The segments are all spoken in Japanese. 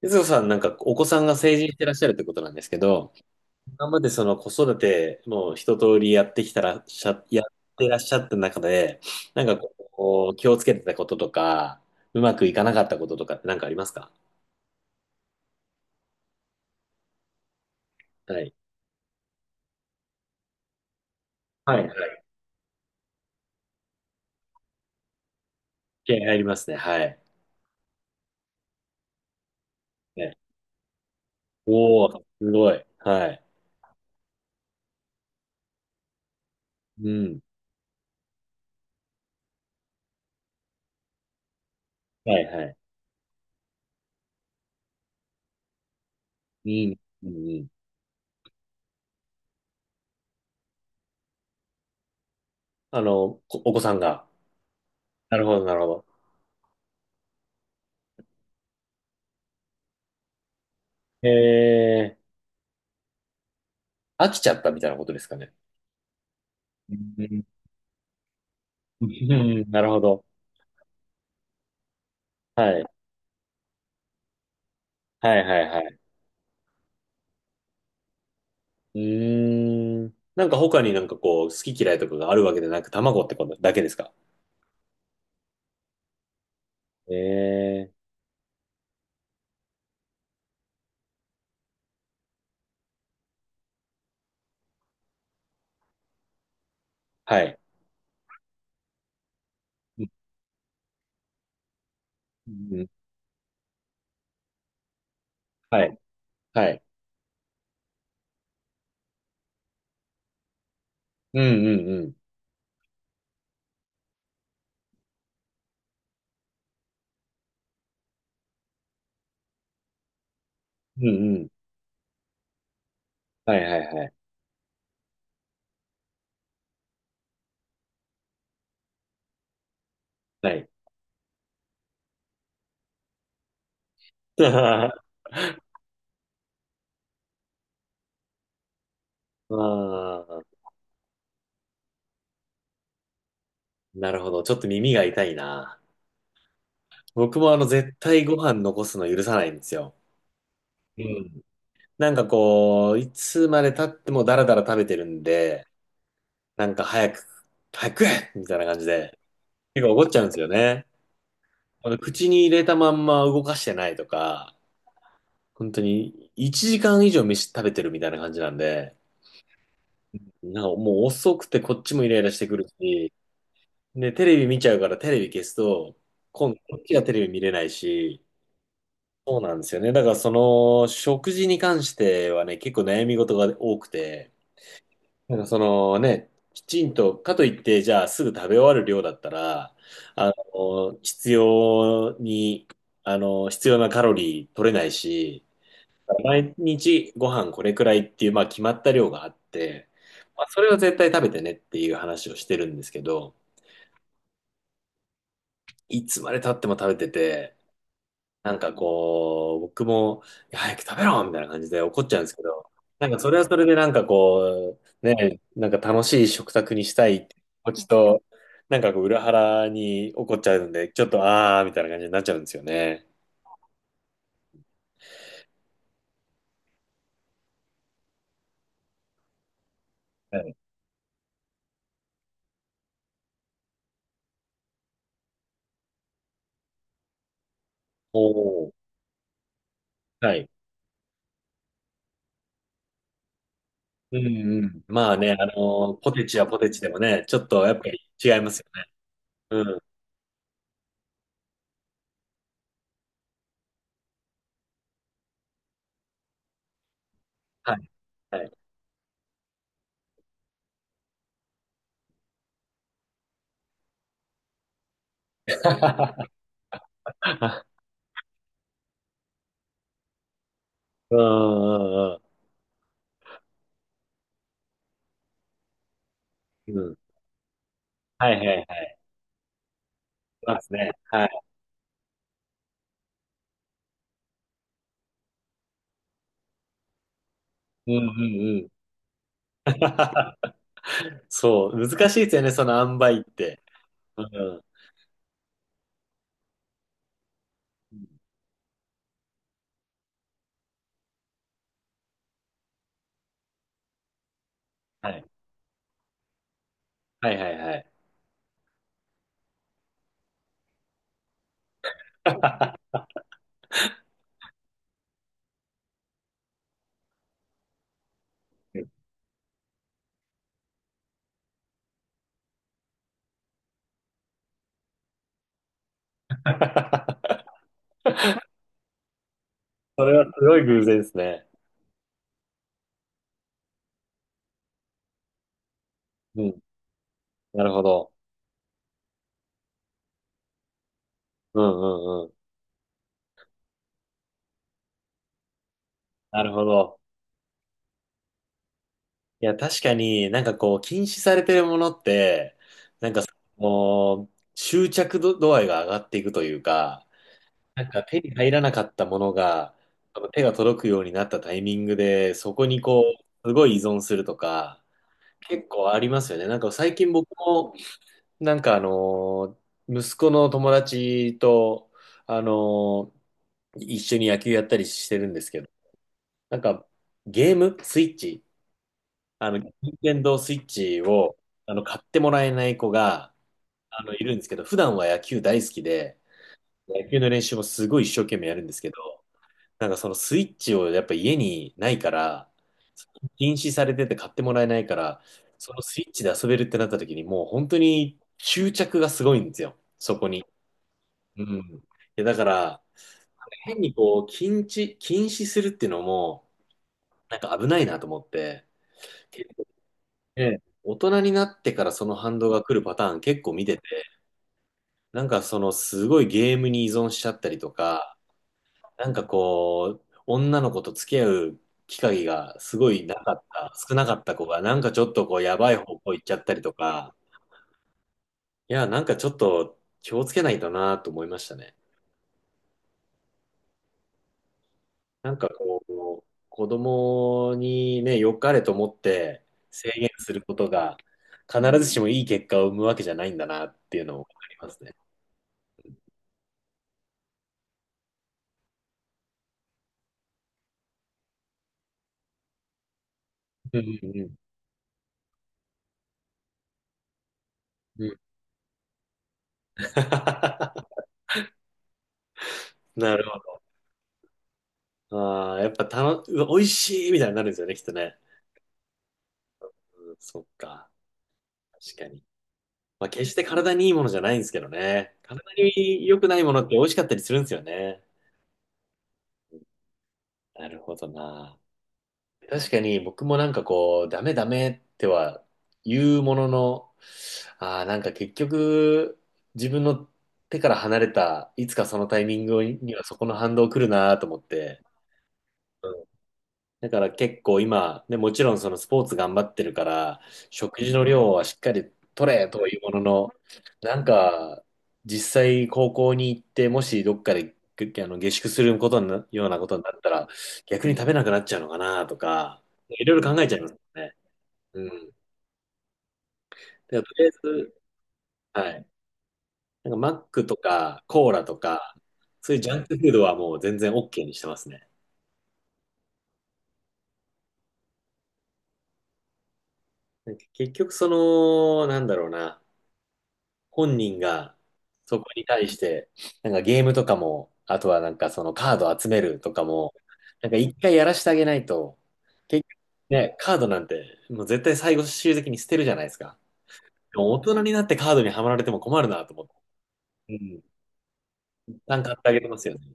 ゆずこさん、なんかお子さんが成人してらっしゃるってことなんですけど、今までその子育て、もう一通りやってきたらっしゃ、やってらっしゃった中で、なんかこう、気をつけてたこととか、うまくいかなかったこととかって何かありますか？はい。はい。はい。経験ありますね。はい。ね、おー、すごい。はい。うん。はい、はい。うん。うん、うん。こお子さんが。なるほど、なるほど。え飽きちゃったみたいなことですかね。うん、うん、なるほど。はい。はいはいはい。うーん。なんか他になんかこう、好き嫌いとかがあるわけでなく、卵ってことだけですか？ええ、はい。うん、うんうん、はい。はい。うんうん。うんうん。うん、はいはいはい。はい。ああ、なるほど。ちょっと耳が痛いな。僕も絶対ご飯残すの許さないんですよ。うん。なんかこう、いつまで経ってもダラダラ食べてるんで、なんか早く、早く食えみたいな感じで、結構怒っちゃうんですよね。口に入れたまんま動かしてないとか、本当に1時間以上飯食べてるみたいな感じなんで、なんかもう遅くてこっちもイライラしてくるし、で、テレビ見ちゃうからテレビ消すと、今度こっちがテレビ見れないし、そうなんですよね。だからその食事に関してはね、結構悩み事が多くて、なんかそのね、きちんと、かといってじゃあすぐ食べ終わる量だったら、あの、必要に、あの、必要なカロリー取れないし、毎日ご飯これくらいっていう、まあ、決まった量があって、まあ、それは絶対食べてねっていう話をしてるんですけど、いつまで経っても食べてて、なんかこう、僕も、いや早く食べろみたいな感じで怒っちゃうんですけど、なんかそれはそれでなんかこう、ね、なんか楽しい食卓にしたいって気持ちと、なんかこう裏腹に怒っちゃうんで、ちょっとあーみたいな感じになっちゃうんですよね。はい。おー。はい。うんうん。まあね、ポテチはポテチでもね、ちょっとやっぱり違いますよね。うん。はい、はい。うん、うん、うん。うん。はいはいはい。そうですね。はい。うんうんうん。そう、難しいですよね、その塩梅って。うん。はい。はいはいはい。それはすごい偶然ですね。うん。なるほど。うんうんうん。なるほど。いや、確かになんかこう、禁止されてるものって、もう、執着度、度合いが上がっていくというか、なんか手に入らなかったものが、手が届くようになったタイミングで、そこにこう、すごい依存するとか、結構ありますよね。なんか最近僕も、なんか、息子の友達と、あの、一緒に野球やったりしてるんですけど、なんかゲームスイッチ、任天堂スイッチを、買ってもらえない子が、いるんですけど、普段は野球大好きで、野球の練習もすごい一生懸命やるんですけど、なんかそのスイッチをやっぱ家にないから、禁止されてて買ってもらえないから、そのスイッチで遊べるってなった時にもう本当に執着がすごいんですよ、そこに。うん。いやだから、変にこう、禁止するっていうのも、なんか危ないなと思って、ね、大人になってからその反動が来るパターン結構見てて、なんかそのすごいゲームに依存しちゃったりとか、なんかこう、女の子と付き合う機会がすごいなかった、少なかった子が、なんかちょっとこう、やばい方向行っちゃったりとか、いや、なんかちょっと気をつけないとなと思いましたね。なんかこう、子供にね、良かれと思って制限することが、必ずしもいい結果を生むわけじゃないんだなっていうのを分かりますね。うんうんうんうん なるほど。ああ、やっぱうわ美味しいみたいになるんですよね、きっとね。うん、そっか。確かに。まあ、決して体にいいものじゃないんですけどね。体に良くないものって美味しかったりするんですよね。なるほどな。確かに僕もなんかこう、ダメダメっては言うものの、ああ、なんか結局自分の手から離れた、いつかそのタイミングにはそこの反動来るなと思って。だから結構今、ね、もちろんそのスポーツ頑張ってるから、食事の量はしっかり取れというものの、なんか、実際高校に行って、もしどっかで下宿することになようなことになったら、逆に食べなくなっちゃうのかなとか、いろいろ考えちゃいますよね。うん。だからとりあえず、はい。なんかマックとかコーラとか、そういうジャンクフードはもう全然 OK にしてますね。なんか結局その、なんだろうな。本人がそこに対して、なんかゲームとかも、あとはなんかそのカード集めるとかも、なんか一回やらしてあげないと、結局ね、カードなんてもう絶対最後終的に捨てるじゃないですか。でも大人になってカードにはまられても困るなと思って。うん。一旦買ってあげてますよね。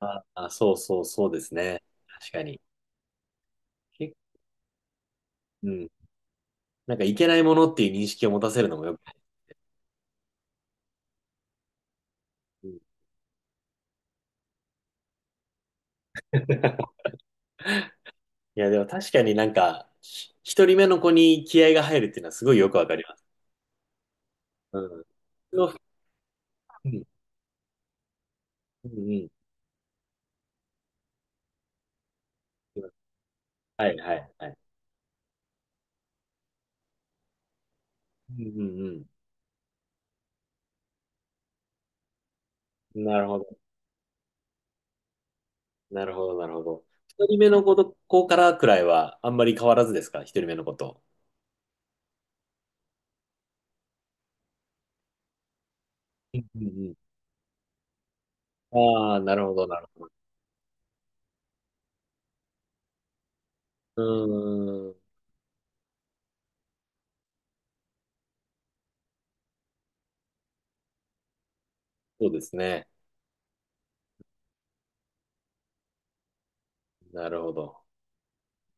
ああ、そうそうそうですね。確かに。けうん。なんかいけないものっていう認識を持たせるのもよく。うん、いや、でも確かになんか、一人目の子に気合が入るっていうのはすごいよくわかります。うん。の、うん、うん、うん。はい、はい、はい。うん、うん、うん。なるほど。なるほど、なるほど。一人目の子と、子からくらいは、あんまり変わらずですか、一人目の子と。うん、うん、うん。ああ、なるほど、なるほど。うーん。そうですね。なるほど。